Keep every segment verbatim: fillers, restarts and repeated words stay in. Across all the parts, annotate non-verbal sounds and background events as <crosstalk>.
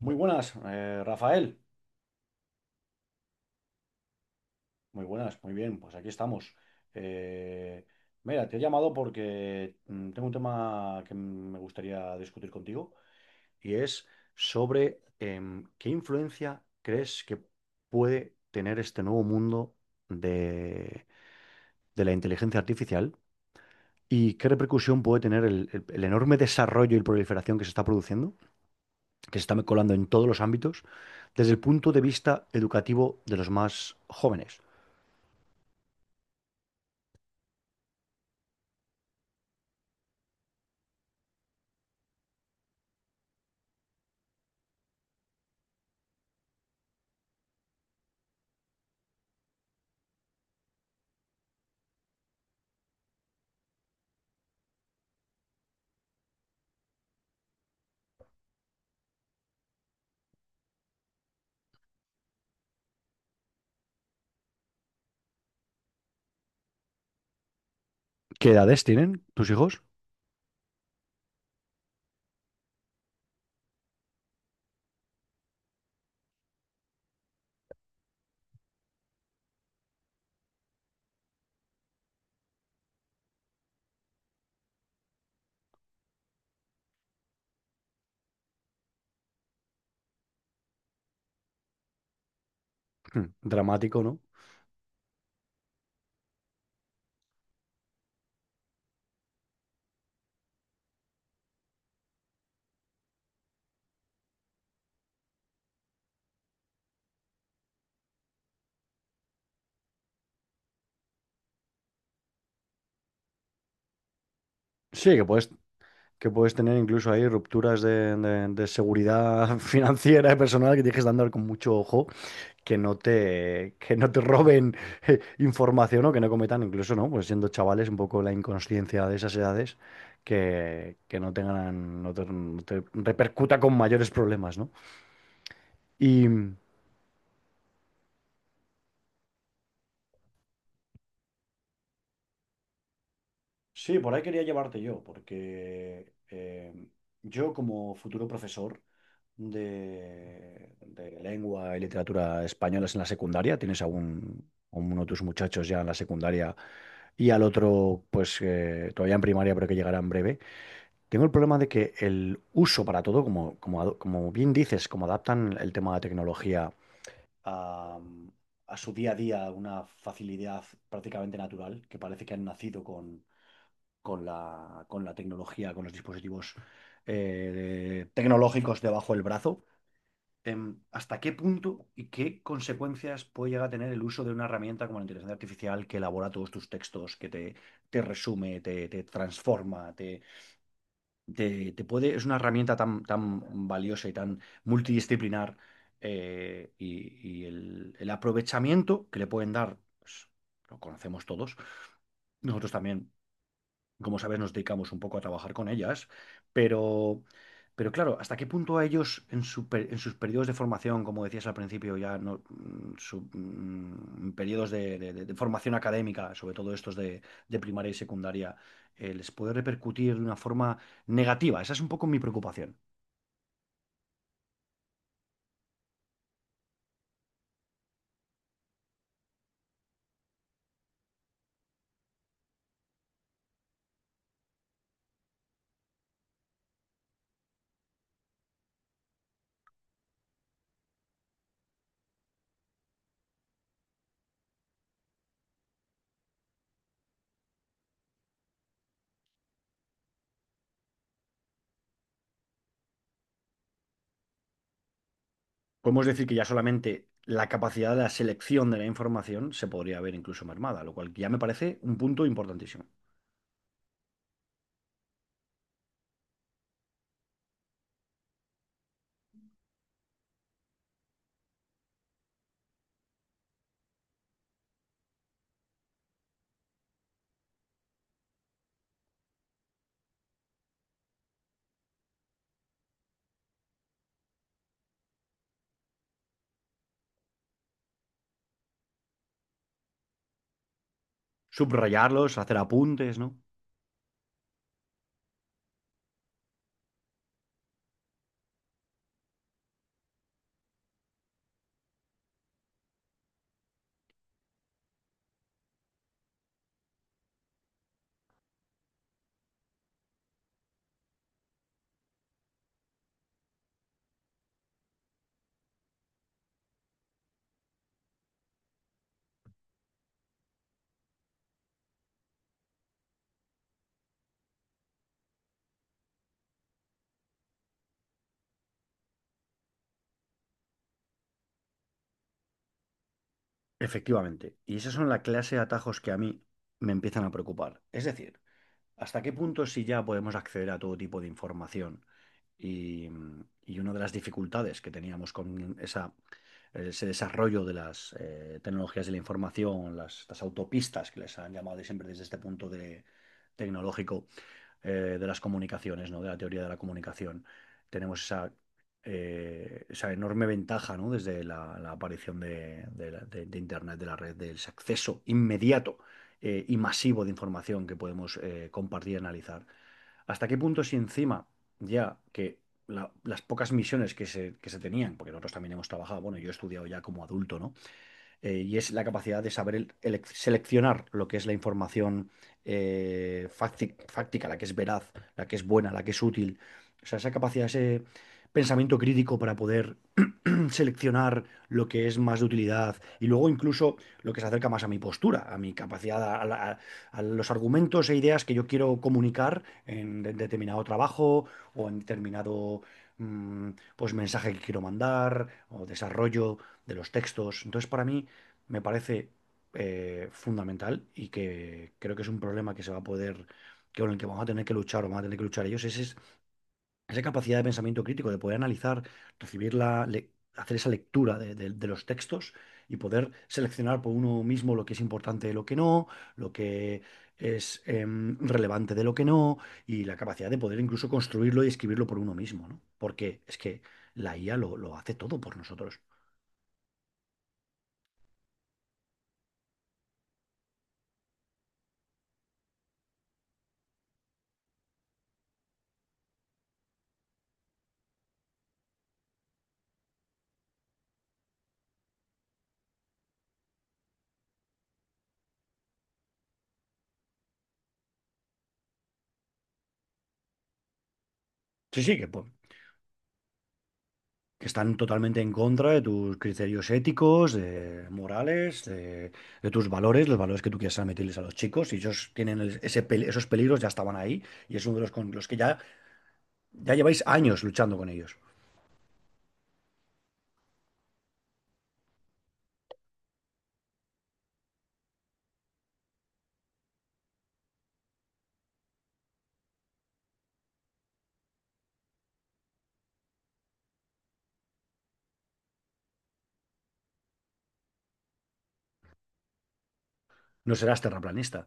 Muy buenas, eh, Rafael. Muy buenas, muy bien. Pues aquí estamos. Eh, Mira, te he llamado porque mm, tengo un tema que mm, me gustaría discutir contigo y es sobre em, qué influencia crees que puede tener este nuevo mundo de, de la inteligencia artificial y qué repercusión puede tener el, el- el enorme desarrollo y proliferación que se está produciendo, que se está colando en todos los ámbitos, desde el punto de vista educativo de los más jóvenes. ¿Qué edades tienen tus hijos? Hmm, dramático, ¿no? Sí, que puedes, que puedes tener incluso ahí rupturas de, de- de seguridad <laughs> financiera y personal que tienes que andar con mucho ojo, que no te, que no te roben eh, información o que no cometan, incluso, ¿no? Pues siendo chavales, un poco la inconsciencia de esas edades, que, que no tengan, no te, no te repercuta con mayores problemas, ¿no? Y, sí, por ahí quería llevarte yo, porque eh, yo como futuro profesor de, de lengua y literatura españolas en la secundaria, ¿tienes algún, uno de tus muchachos ya en la secundaria y al otro, pues eh, todavía en primaria, pero que llegará en breve? Tengo el problema de que el uso para todo, como, como, ado- como bien dices, como adaptan el tema de tecnología a, a su día a día, una facilidad prácticamente natural, que parece que han nacido con la, con la tecnología, con los dispositivos eh, tecnológicos debajo del brazo. Em, ¿hasta qué punto y qué consecuencias puede llegar a tener el uso de una herramienta como la inteligencia artificial que elabora todos tus textos, que te, te resume, te, te transforma, te, te- te puede... Es una herramienta tan, tan valiosa y tan multidisciplinar eh, y, y el, el aprovechamiento que le pueden dar, pues, lo conocemos todos. Nosotros también como sabes, nos dedicamos un poco a trabajar con ellas, pero, pero claro, ¿hasta qué punto a ellos en, su per- en sus periodos de formación, como decías al principio, ya no, mm, su- mm, periodos de, de- de- de formación académica, sobre todo estos de, de primaria y secundaria, eh, les puede repercutir de una forma negativa? Esa es un poco mi preocupación. Podemos decir que ya solamente la capacidad de la selección de la información se podría ver incluso mermada, lo cual ya me parece un punto importantísimo. Subrayarlos, hacer apuntes, ¿no? Efectivamente. Y esas son la clase de atajos que a mí me empiezan a preocupar. Es decir, ¿hasta qué punto si ya podemos acceder a todo tipo de información? Y, y una de las dificultades que teníamos con esa, ese desarrollo de las eh, tecnologías de la información, las, estas autopistas que les han llamado de siempre desde este punto de tecnológico, eh, de las comunicaciones, ¿no? De la teoría de la comunicación. Tenemos esa, eh, esa enorme ventaja, ¿no? Desde la, la aparición de, de la- de- de Internet, de la red, del acceso inmediato eh, y masivo de información que podemos eh, compartir y analizar. ¿Hasta qué punto si encima ya que la- las pocas misiones que se, que se tenían, porque nosotros también hemos trabajado, bueno, yo he estudiado ya como adulto, ¿no? eh, y es la capacidad de saber el- elec- seleccionar lo que es la información eh, facti- fáctica, la que es veraz, la que es buena, la que es útil. O sea, esa capacidad, ese pensamiento crítico para poder <clears throat> seleccionar lo que es más de utilidad y luego incluso lo que se acerca más a mi postura, a mi capacidad, a, la- a los argumentos e ideas que yo quiero comunicar en de- determinado trabajo o en determinado mm, pues mensaje que quiero mandar o desarrollo de los textos. Entonces, para mí, me parece eh, fundamental y que creo que es un problema que se va a poder, que con el que vamos a tener que luchar o van a tener que luchar ellos, ese es esa capacidad de pensamiento crítico, de poder analizar, recibir la, le- hacer esa lectura de, de- de los textos y poder seleccionar por uno mismo lo que es importante de lo que no, lo que es em, relevante de lo que no, y la capacidad de poder incluso construirlo y escribirlo por uno mismo, ¿no? Porque es que la I A lo, lo hace todo por nosotros. Sí, sí, que pues, que están totalmente en contra de tus criterios éticos, de morales, de, de tus valores, los valores que tú quieras meterles a los chicos. Y ellos tienen el- ese, pel- esos peligros, ya estaban ahí. Y es uno de los con los que ya, ya lleváis años luchando con ellos. No serás terraplanista.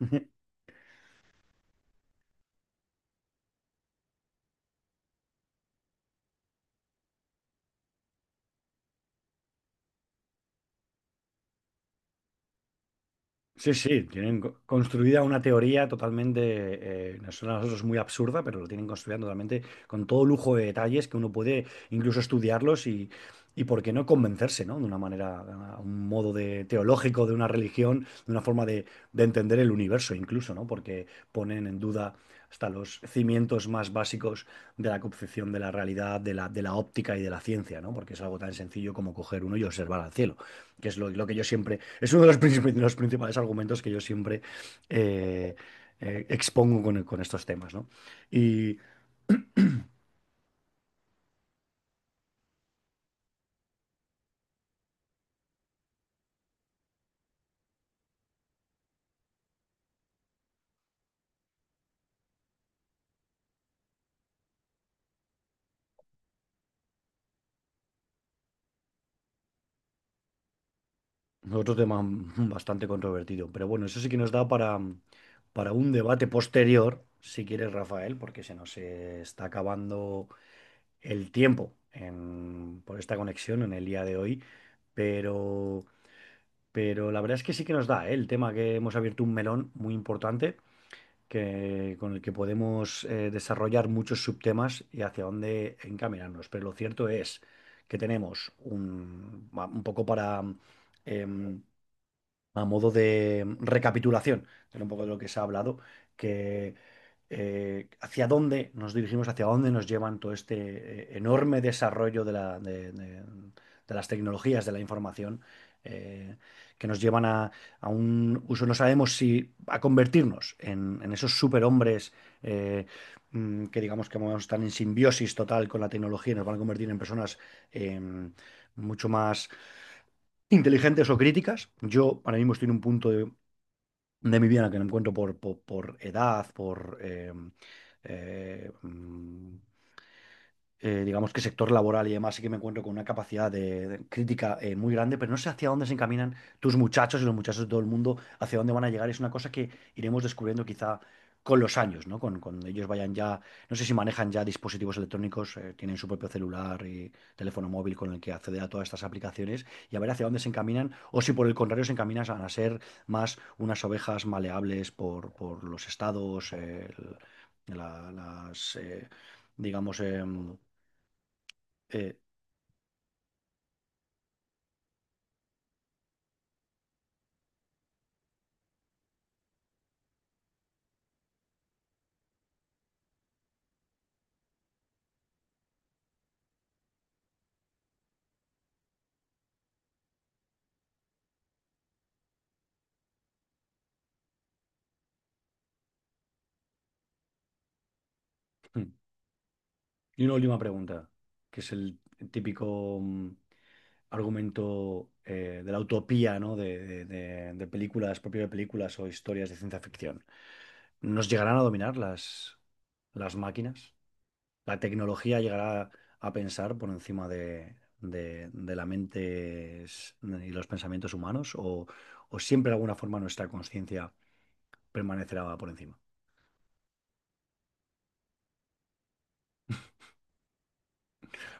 <laughs> Sí, sí, tienen co- construida una teoría totalmente, eh, nos suena a nosotros muy absurda, pero lo tienen construida totalmente con todo lujo de detalles que uno puede incluso estudiarlos y, y por qué no convencerse, ¿no? De una manera, a un modo de teológico, de una religión, de una forma de, de entender el universo incluso, ¿no? Porque ponen en duda hasta los cimientos más básicos de la concepción de la realidad, de la, de la óptica y de la ciencia, ¿no? Porque es algo tan sencillo como coger uno y observar al cielo que es lo, lo que yo siempre, es uno de los, princip- de los principales argumentos que yo siempre eh, eh, expongo con, con estos temas, ¿no? Y otro tema bastante controvertido, pero bueno, eso sí que nos da para, para un debate posterior, si quieres, Rafael, porque se nos eh, está acabando el tiempo en- por esta conexión en el día de hoy, pero... Pero la verdad es que sí que nos da, ¿eh? El tema que hemos abierto un melón muy importante que, con el que podemos eh, desarrollar muchos subtemas y hacia dónde encaminarnos. Pero lo cierto es que tenemos un, va- un poco para, em, a modo de recapitulación de un poco de lo que se ha hablado, que eh, hacia dónde nos dirigimos, hacia dónde nos llevan todo este eh, enorme desarrollo de la- de- de- de las tecnologías de la información, eh, que nos llevan a, a un uso, no sabemos si a convertirnos en, en esos superhombres eh, mm, que digamos que vamos a estar en simbiosis total con la tecnología y nos van a convertir en personas em, mucho más inteligentes o críticas. Yo ahora mismo estoy en un punto de, de mi vida en el que me encuentro por, por, por edad, por eh, eh, mm, eh, digamos que sector laboral y demás, sí que me encuentro con una capacidad de, de crítica eh, muy grande, pero no sé hacia dónde se encaminan tus muchachos y los muchachos de todo el mundo, hacia dónde van a llegar. Es una cosa que iremos descubriendo quizá con los años, ¿no? Con, cuando ellos vayan ya, no sé si manejan ya dispositivos electrónicos, eh, tienen su propio celular y teléfono móvil con el que acceder a todas estas aplicaciones y a ver hacia dónde se encaminan o si por el contrario se encaminan a ser más unas ovejas maleables por, por los estados, eh, el- la- las... eh, digamos, em, eh, <clears throat> y una última pregunta, que es el típico mm, argumento eh, de la utopía, ¿no? De, de- de- de películas, propio de películas o historias de ciencia ficción. ¿Nos llegarán a dominar las, las máquinas? ¿La tecnología llegará a pensar por encima de, de- de la mente s- y los pensamientos humanos? ¿O, o siempre de alguna forma nuestra conciencia permanecerá por encima?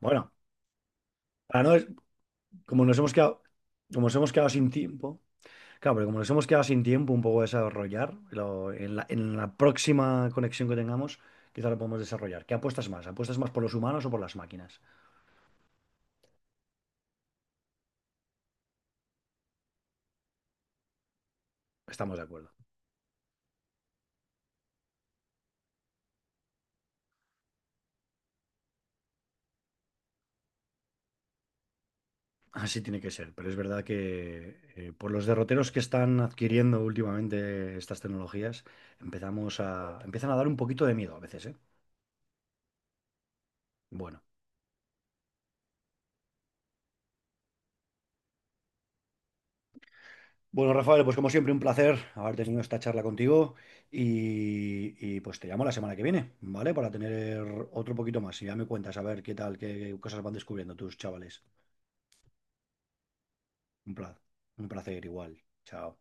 Bueno, para no, como nos hemos quedado, como nos hemos quedado sin tiempo, claro, pero como nos hemos quedado sin tiempo un poco de desarrollar, lo- en la, en la próxima conexión que tengamos, quizá lo podemos desarrollar. ¿Qué apuestas más? ¿Apuestas más por los humanos o por las máquinas? Estamos de acuerdo. Así tiene que ser, pero es verdad que eh, por los derroteros que están adquiriendo últimamente estas tecnologías, empezamos a, empiezan a dar un poquito de miedo a veces, ¿eh? Bueno. Bueno, Rafael, pues como siempre, un placer haber tenido esta charla contigo y, y, pues te llamo la semana que viene, ¿vale? Para tener otro poquito más y ya me cuentas a ver qué tal, qué qué cosas van descubriendo tus chavales. Un pla- un placer igual. Chao.